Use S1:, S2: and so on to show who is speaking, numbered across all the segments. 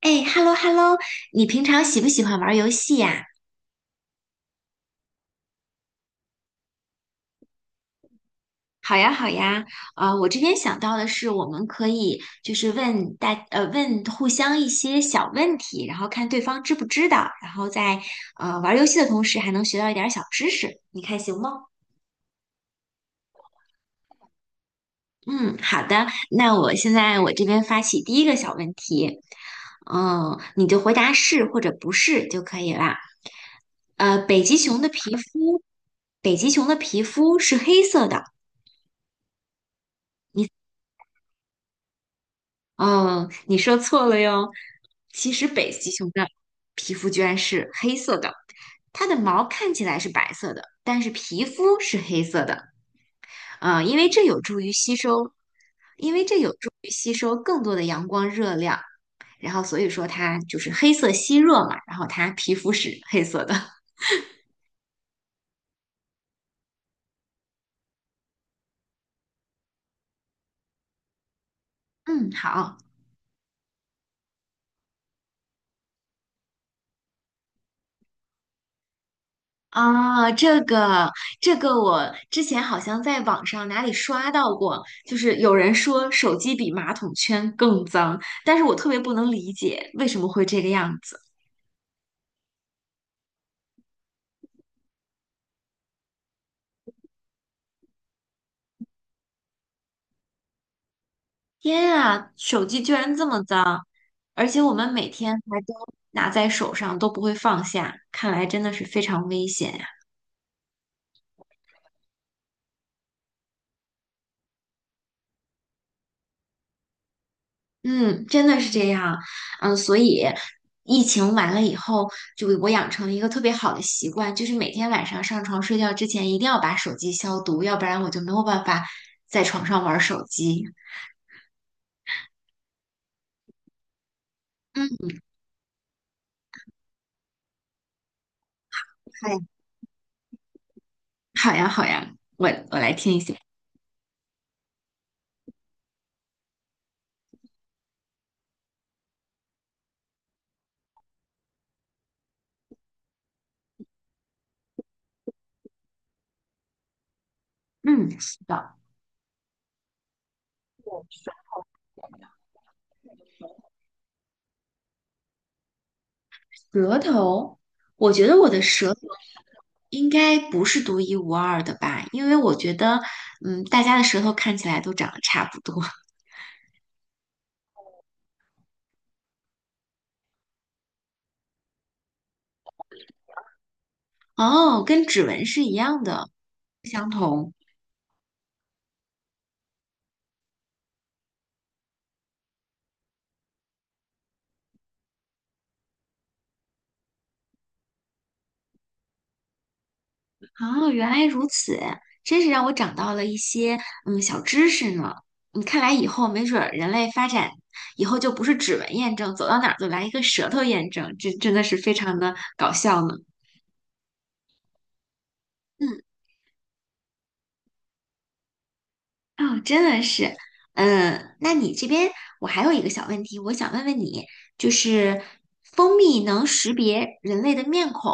S1: 哎，hello hello，你平常喜不喜欢玩游戏呀？好呀好呀，啊，我这边想到的是，我们可以就是问互相一些小问题，然后看对方知不知道，然后在玩游戏的同时还能学到一点儿小知识，你看行吗？嗯，好的，那我现在我这边发起第一个小问题，嗯，你就回答是或者不是就可以啦。北极熊的皮肤，北极熊的皮肤是黑色的，嗯，你说错了哟。其实北极熊的皮肤居然是黑色的，它的毛看起来是白色的，但是皮肤是黑色的。呃，因为这有助于吸收，因为这有助于吸收更多的阳光热量，然后所以说它就是黑色吸热嘛，然后它皮肤是黑色的。嗯，好。啊，这个，我之前好像在网上哪里刷到过，就是有人说手机比马桶圈更脏，但是我特别不能理解为什么会这个样子。天啊，手机居然这么脏，而且我们每天还都拿在手上，都不会放下，看来真的是非常危险。嗯，真的是这样，嗯，所以疫情完了以后，就我养成了一个特别好的习惯，就是每天晚上上床睡觉之前一定要把手机消毒，要不然我就没有办法在床上玩手机。嗯，好呀，好呀，好呀，我来听一下。嗯，是的，舌头，我觉得我的舌头应该不是独一无二的吧，因为我觉得，嗯，大家的舌头看起来都长得差不多。哦，跟指纹是一样的，不相同。哦，原来如此，真是让我长到了一些嗯小知识呢。你看来以后没准儿人类发展以后就不是指纹验证，走到哪儿就来一个舌头验证，这真的是非常的搞笑呢。嗯，哦，真的是，嗯，那你这边我还有一个小问题，我想问问你，就是蜂蜜能识别人类的面孔，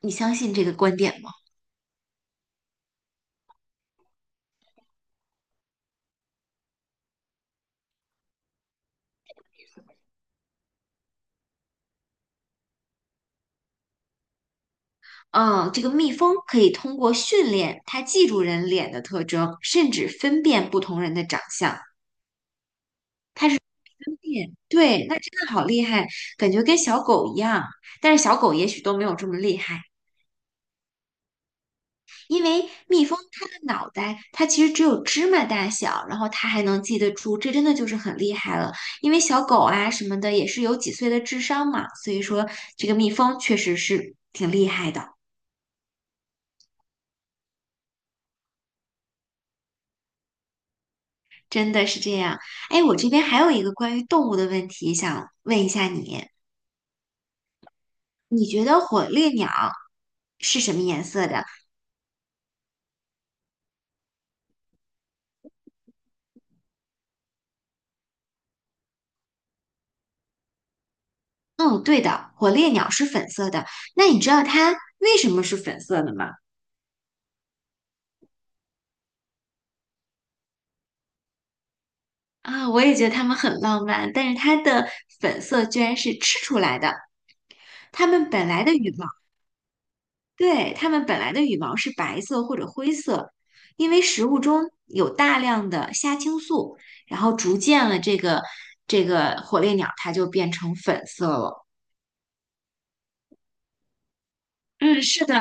S1: 你相信这个观点吗？嗯，这个蜜蜂可以通过训练，它记住人脸的特征，甚至分辨不同人的长相。分辨，对，那真的好厉害，感觉跟小狗一样。但是小狗也许都没有这么厉害，因为蜜蜂它的脑袋，它其实只有芝麻大小，然后它还能记得住，这真的就是很厉害了。因为小狗啊什么的也是有几岁的智商嘛，所以说这个蜜蜂确实是挺厉害的。真的是这样。哎，我这边还有一个关于动物的问题想问一下你，你觉得火烈鸟是什么颜色的？嗯，对的，火烈鸟是粉色的。那你知道它为什么是粉色的吗？啊，我也觉得它们很浪漫，但是它的粉色居然是吃出来的。它们本来的羽毛。对，它们本来的羽毛是白色或者灰色，因为食物中有大量的虾青素，然后逐渐了这个这个火烈鸟它就变成粉色了。嗯，是的，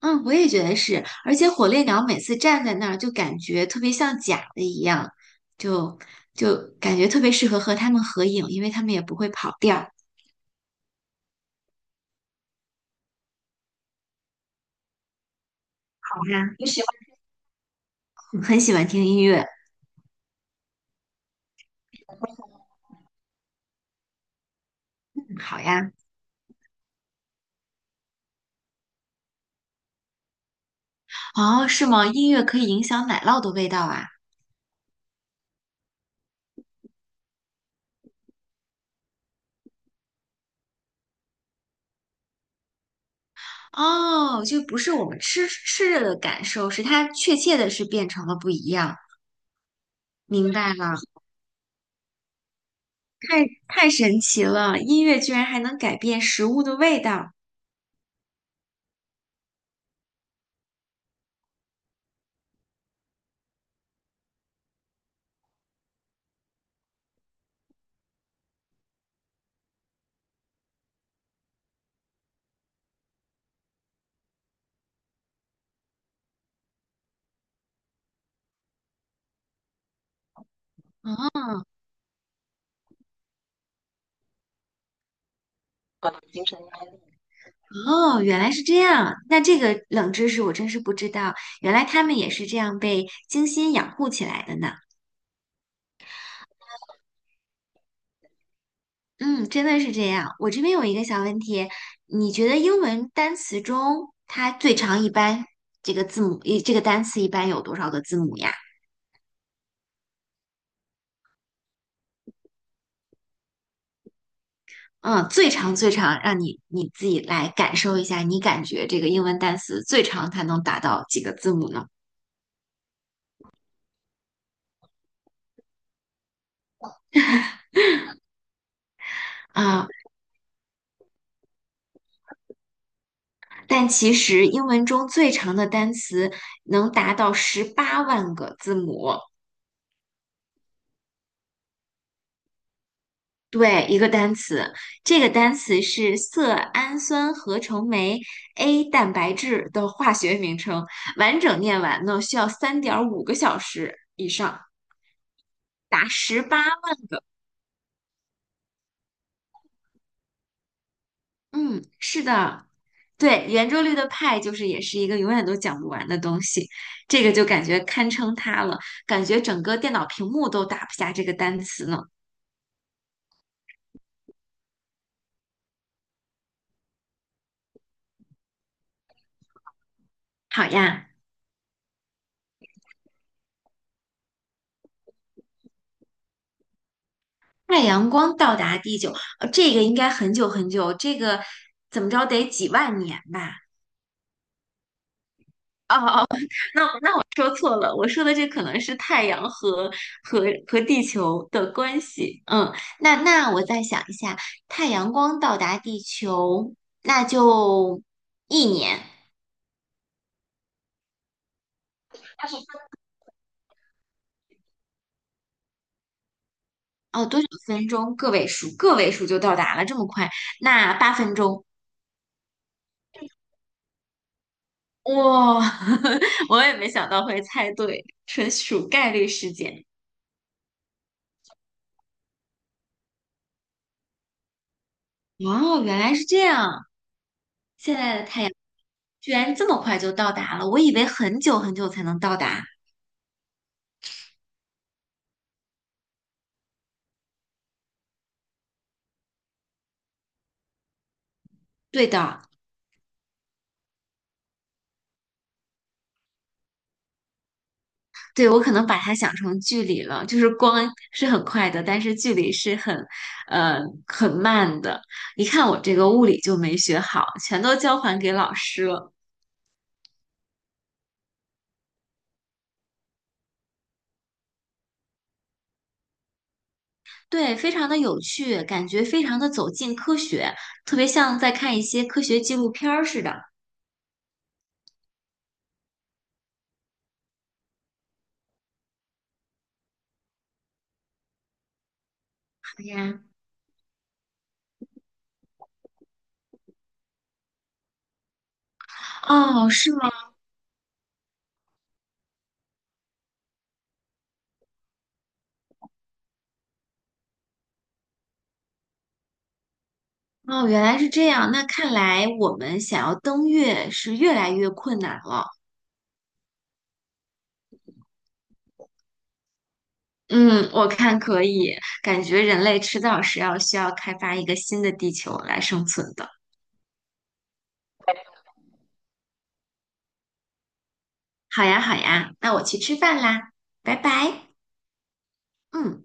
S1: 嗯，我也觉得是，而且火烈鸟每次站在那儿就感觉特别像假的一样，就就感觉特别适合和它们合影，因为它们也不会跑调。好呀，你喜欢，很喜欢听音乐。嗯好呀。哦，是吗？音乐可以影响奶酪的味道啊。哦，就不是我们吃着的感受，是它确切的是变成了不一样。明白了，太神奇了！音乐居然还能改变食物的味道。哦我的精神压力哦，原来是这样。那这个冷知识我真是不知道，原来他们也是这样被精心养护起来的呢。嗯，真的是这样。我这边有一个小问题，你觉得英文单词中它最长一般这个字母，一这个单词一般有多少个字母呀？嗯，最长最长，让你你自己来感受一下，你感觉这个英文单词最长它能达到几个字母呢？啊、但其实英文中最长的单词能达到十八万个字母。对，一个单词，这个单词是色氨酸合成酶 A 蛋白质的化学名称，完整念完呢需要3.5个小时以上，达十八万个。嗯，是的，对，圆周率的派就是也是一个永远都讲不完的东西，这个就感觉堪称它了，感觉整个电脑屏幕都打不下这个单词呢。好呀，太阳光到达地球，呃，这个应该很久很久，这个怎么着得几万年吧？哦哦，那我说错了，我说的这可能是太阳和和地球的关系。嗯，那我再想一下，太阳光到达地球，那就一年。它是分哦，多少分钟？个位数，个位数就到达了，这么快？那8分钟，哇，我也没想到会猜对，纯属概率事件。哦，原来是这样。现在的太阳。居然这么快就到达了，我以为很久很久才能到达。对的，对，我可能把它想成距离了，就是光是很快的，但是距离是很，呃，很慢的。一看我这个物理就没学好，全都交还给老师了。对，非常的有趣，感觉非常的走近科学，特别像在看一些科学纪录片儿似的。哎呀，哦，是吗？哦，原来是这样。那看来我们想要登月是越来越困难了。嗯，我看可以，感觉人类迟早是要需要开发一个新的地球来生存的。好呀，好呀，那我去吃饭啦，拜拜。嗯。